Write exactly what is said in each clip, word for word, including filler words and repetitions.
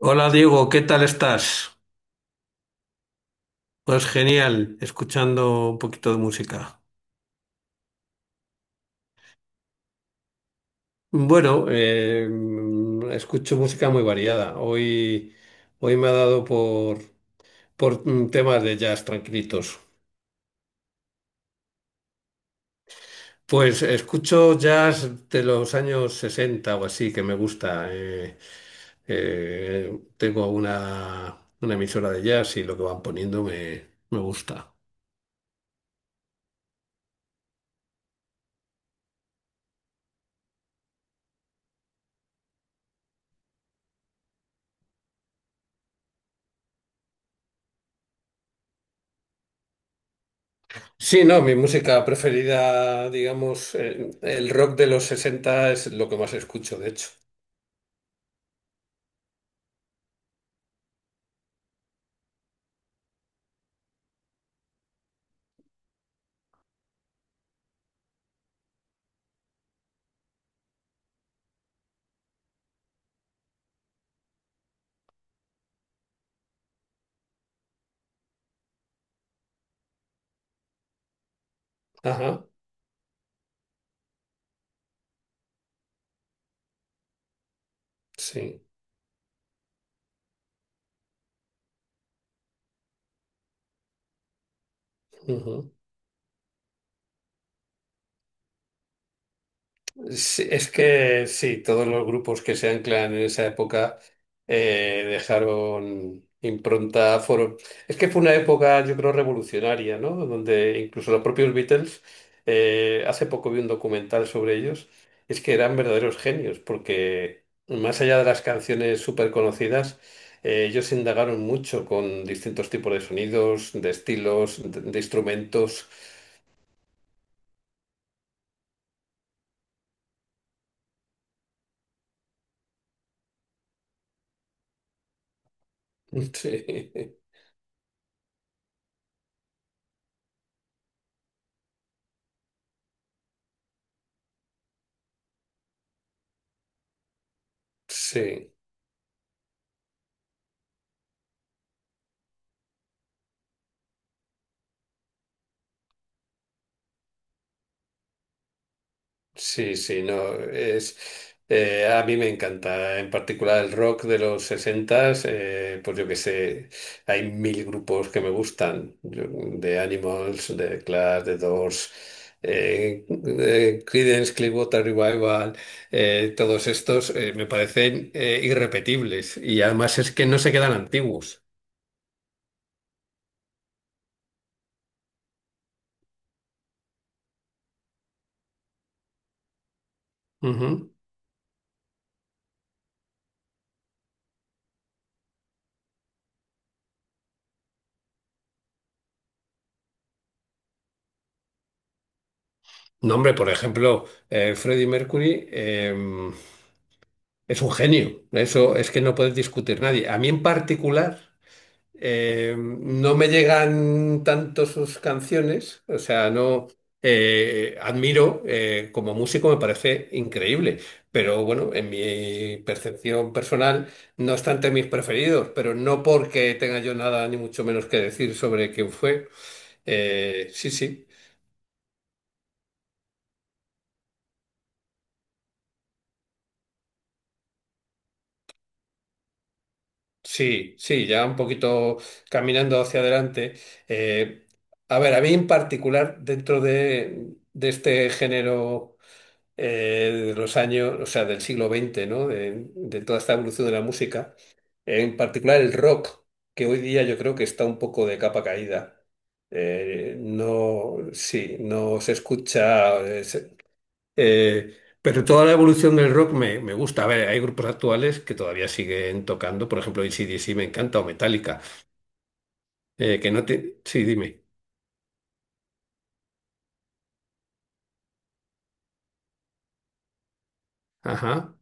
Hola Diego, ¿qué tal estás? Pues genial, escuchando un poquito de música. Bueno, eh, Escucho música muy variada. Hoy, hoy me ha dado por, por mm, temas de jazz tranquilitos. Pues escucho jazz de los años sesenta o así, que me gusta. eh, eh, tengo una, una emisora de jazz y lo que van poniendo me, me gusta. Sí, no, mi música preferida, digamos, eh, el rock de los sesenta es lo que más escucho, de hecho. Ajá, sí. Sí, es que sí, todos los grupos que se anclan en esa época eh, dejaron impronta, fueron... Es que fue una época, yo creo, revolucionaria, ¿no? Donde incluso los propios Beatles, eh, hace poco vi un documental sobre ellos, es que eran verdaderos genios, porque más allá de las canciones súper conocidas, eh, ellos indagaron mucho con distintos tipos de sonidos, de estilos, de, de instrumentos. Sí, sí. Sí, sí, no, es, eh, a mí me encanta, en particular el rock de los sesentas, eh, pues yo que sé, hay mil grupos que me gustan, yo- de Animals, de Clash, de Doors, eh, eh, Creedence Clearwater Revival, eh, todos estos eh, me parecen eh, irrepetibles y además es que no se quedan antiguos. Ujú. No, hombre, por ejemplo, eh, Freddie Mercury. em, Es un genio, eso es que no puedes discutir nadie. A mí en particular eh, no me llegan tanto sus canciones, o sea, no eh, admiro, eh, como músico me parece increíble, pero bueno, en mi percepción personal, no es obstante mis preferidos, pero no porque tenga yo nada ni mucho menos que decir sobre quién fue. Eh, sí, sí. Sí, sí, ya un poquito caminando hacia adelante. Eh, a ver, a mí en particular, dentro de, de este género eh, de los años, o sea, del siglo veinte, ¿no? De, de toda esta evolución de la música, en particular el rock, que hoy día yo creo que está un poco de capa caída. Eh, no, sí, no se escucha. Eh, pero toda la evolución del rock me, me gusta. A ver, hay grupos actuales que todavía siguen tocando, por ejemplo, A C/D C me encanta, o Metallica, eh, que no te... Sí, dime. Ajá.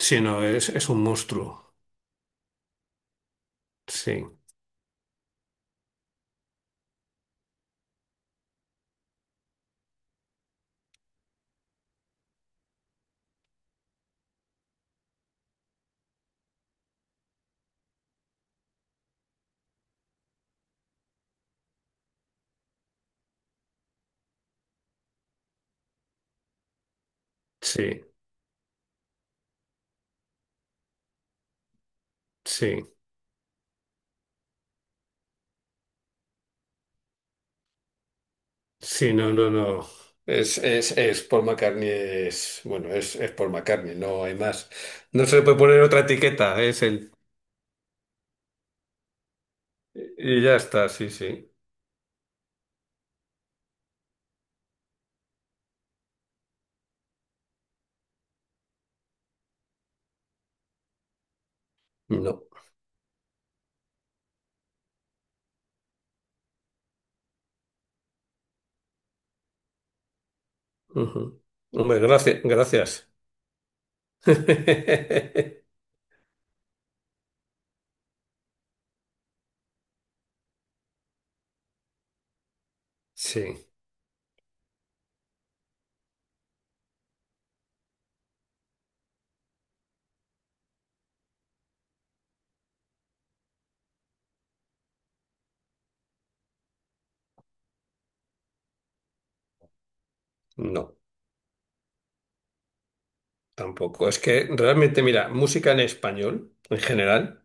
Sí, no, es, es un monstruo. Sí, sí, sí. Sí, no, no, no. Es, es, es Paul McCartney, es, bueno, es, es Paul McCartney, no hay más. No se le puede poner otra etiqueta, es el... Y ya está, sí, sí. No. Ujú. Hombre, gracias, gracias. Sí. No, tampoco. Es que realmente, mira, música en español, en general,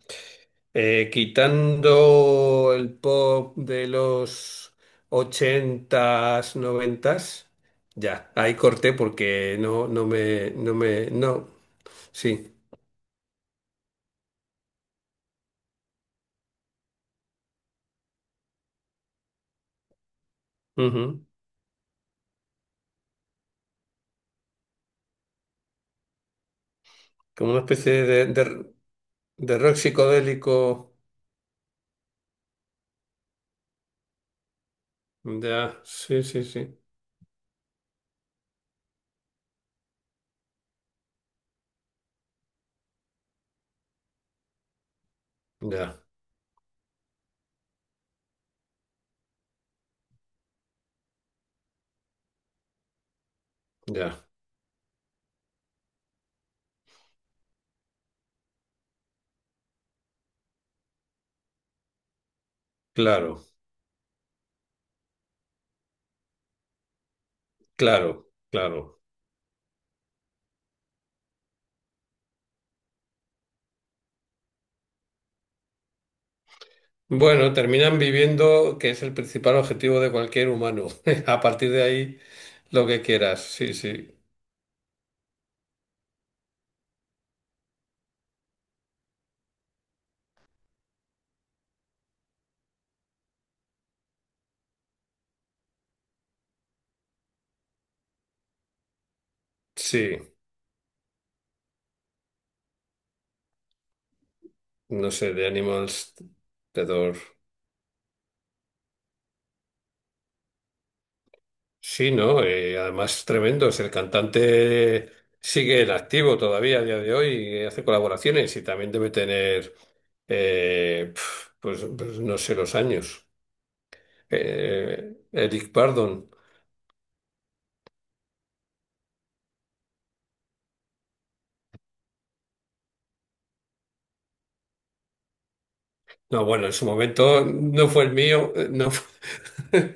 eh, quitando el pop de los ochentas noventas, ya, ahí corté porque no, no me, no me, no, sí, ujú. Como una especie de, de, de rock psicodélico, ya, sí, sí, sí, ya, ya, claro, claro, claro. Bueno, terminan viviendo, que es el principal objetivo de cualquier humano. A partir de ahí, lo que quieras. Sí, sí, sí. No sé, de Animals, The Door. Sí, ¿no? Eh, además, es tremendo. Es el cantante sigue en activo todavía a día de hoy y hace colaboraciones y también debe tener, eh, pf, pues, pues no sé, los años. Eh, Eric Burdon. No, bueno, en su momento no fue el mío, eh, no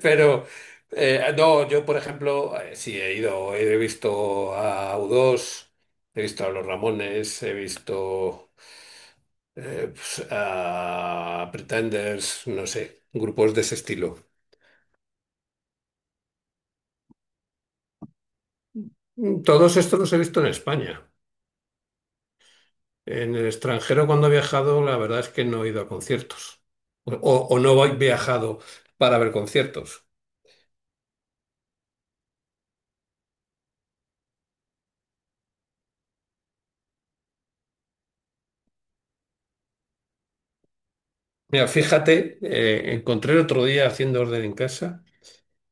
pero eh, no, yo por ejemplo, eh, sí he ido, he visto a U dos, he visto a Los Ramones, he visto eh, pues, a Pretenders, no sé, grupos de ese estilo. Mm, Todos estos los he visto en España. En el extranjero cuando he viajado, la verdad es que no he ido a conciertos o, o no he viajado para ver conciertos. Mira, fíjate, eh, encontré el otro día haciendo orden en casa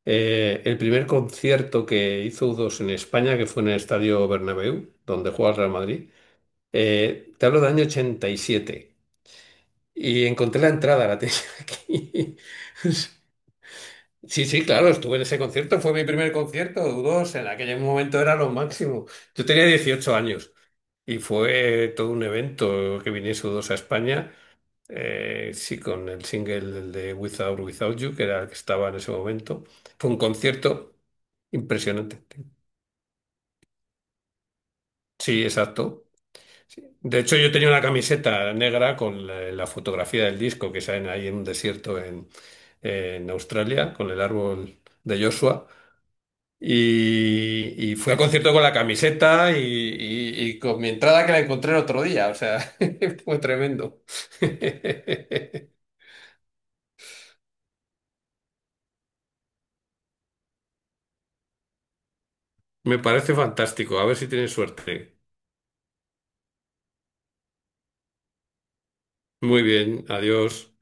eh, el primer concierto que hizo U dos en España, que fue en el Estadio Bernabéu, donde juega el Real Madrid. Eh, te hablo del año ochenta y siete y encontré la entrada, la tenía aquí. Sí, sí, claro, estuve en ese concierto, fue mi primer concierto U dos, en aquel momento era lo máximo. Yo tenía dieciocho años. Y fue todo un evento que viniese U dos a España. Eh, sí, con el single el de Without Without You, que era el que estaba en ese momento. Fue un concierto impresionante. Sí, exacto. Sí. De hecho, yo tenía una camiseta negra con la, la fotografía del disco que salen ahí en un desierto en, en Australia, con el árbol de Joshua. Y, y fui al concierto con la camiseta y, y- y con mi entrada que la encontré el otro día. O sea, fue tremendo. Me parece fantástico. A ver si tienes suerte. Muy bien, adiós.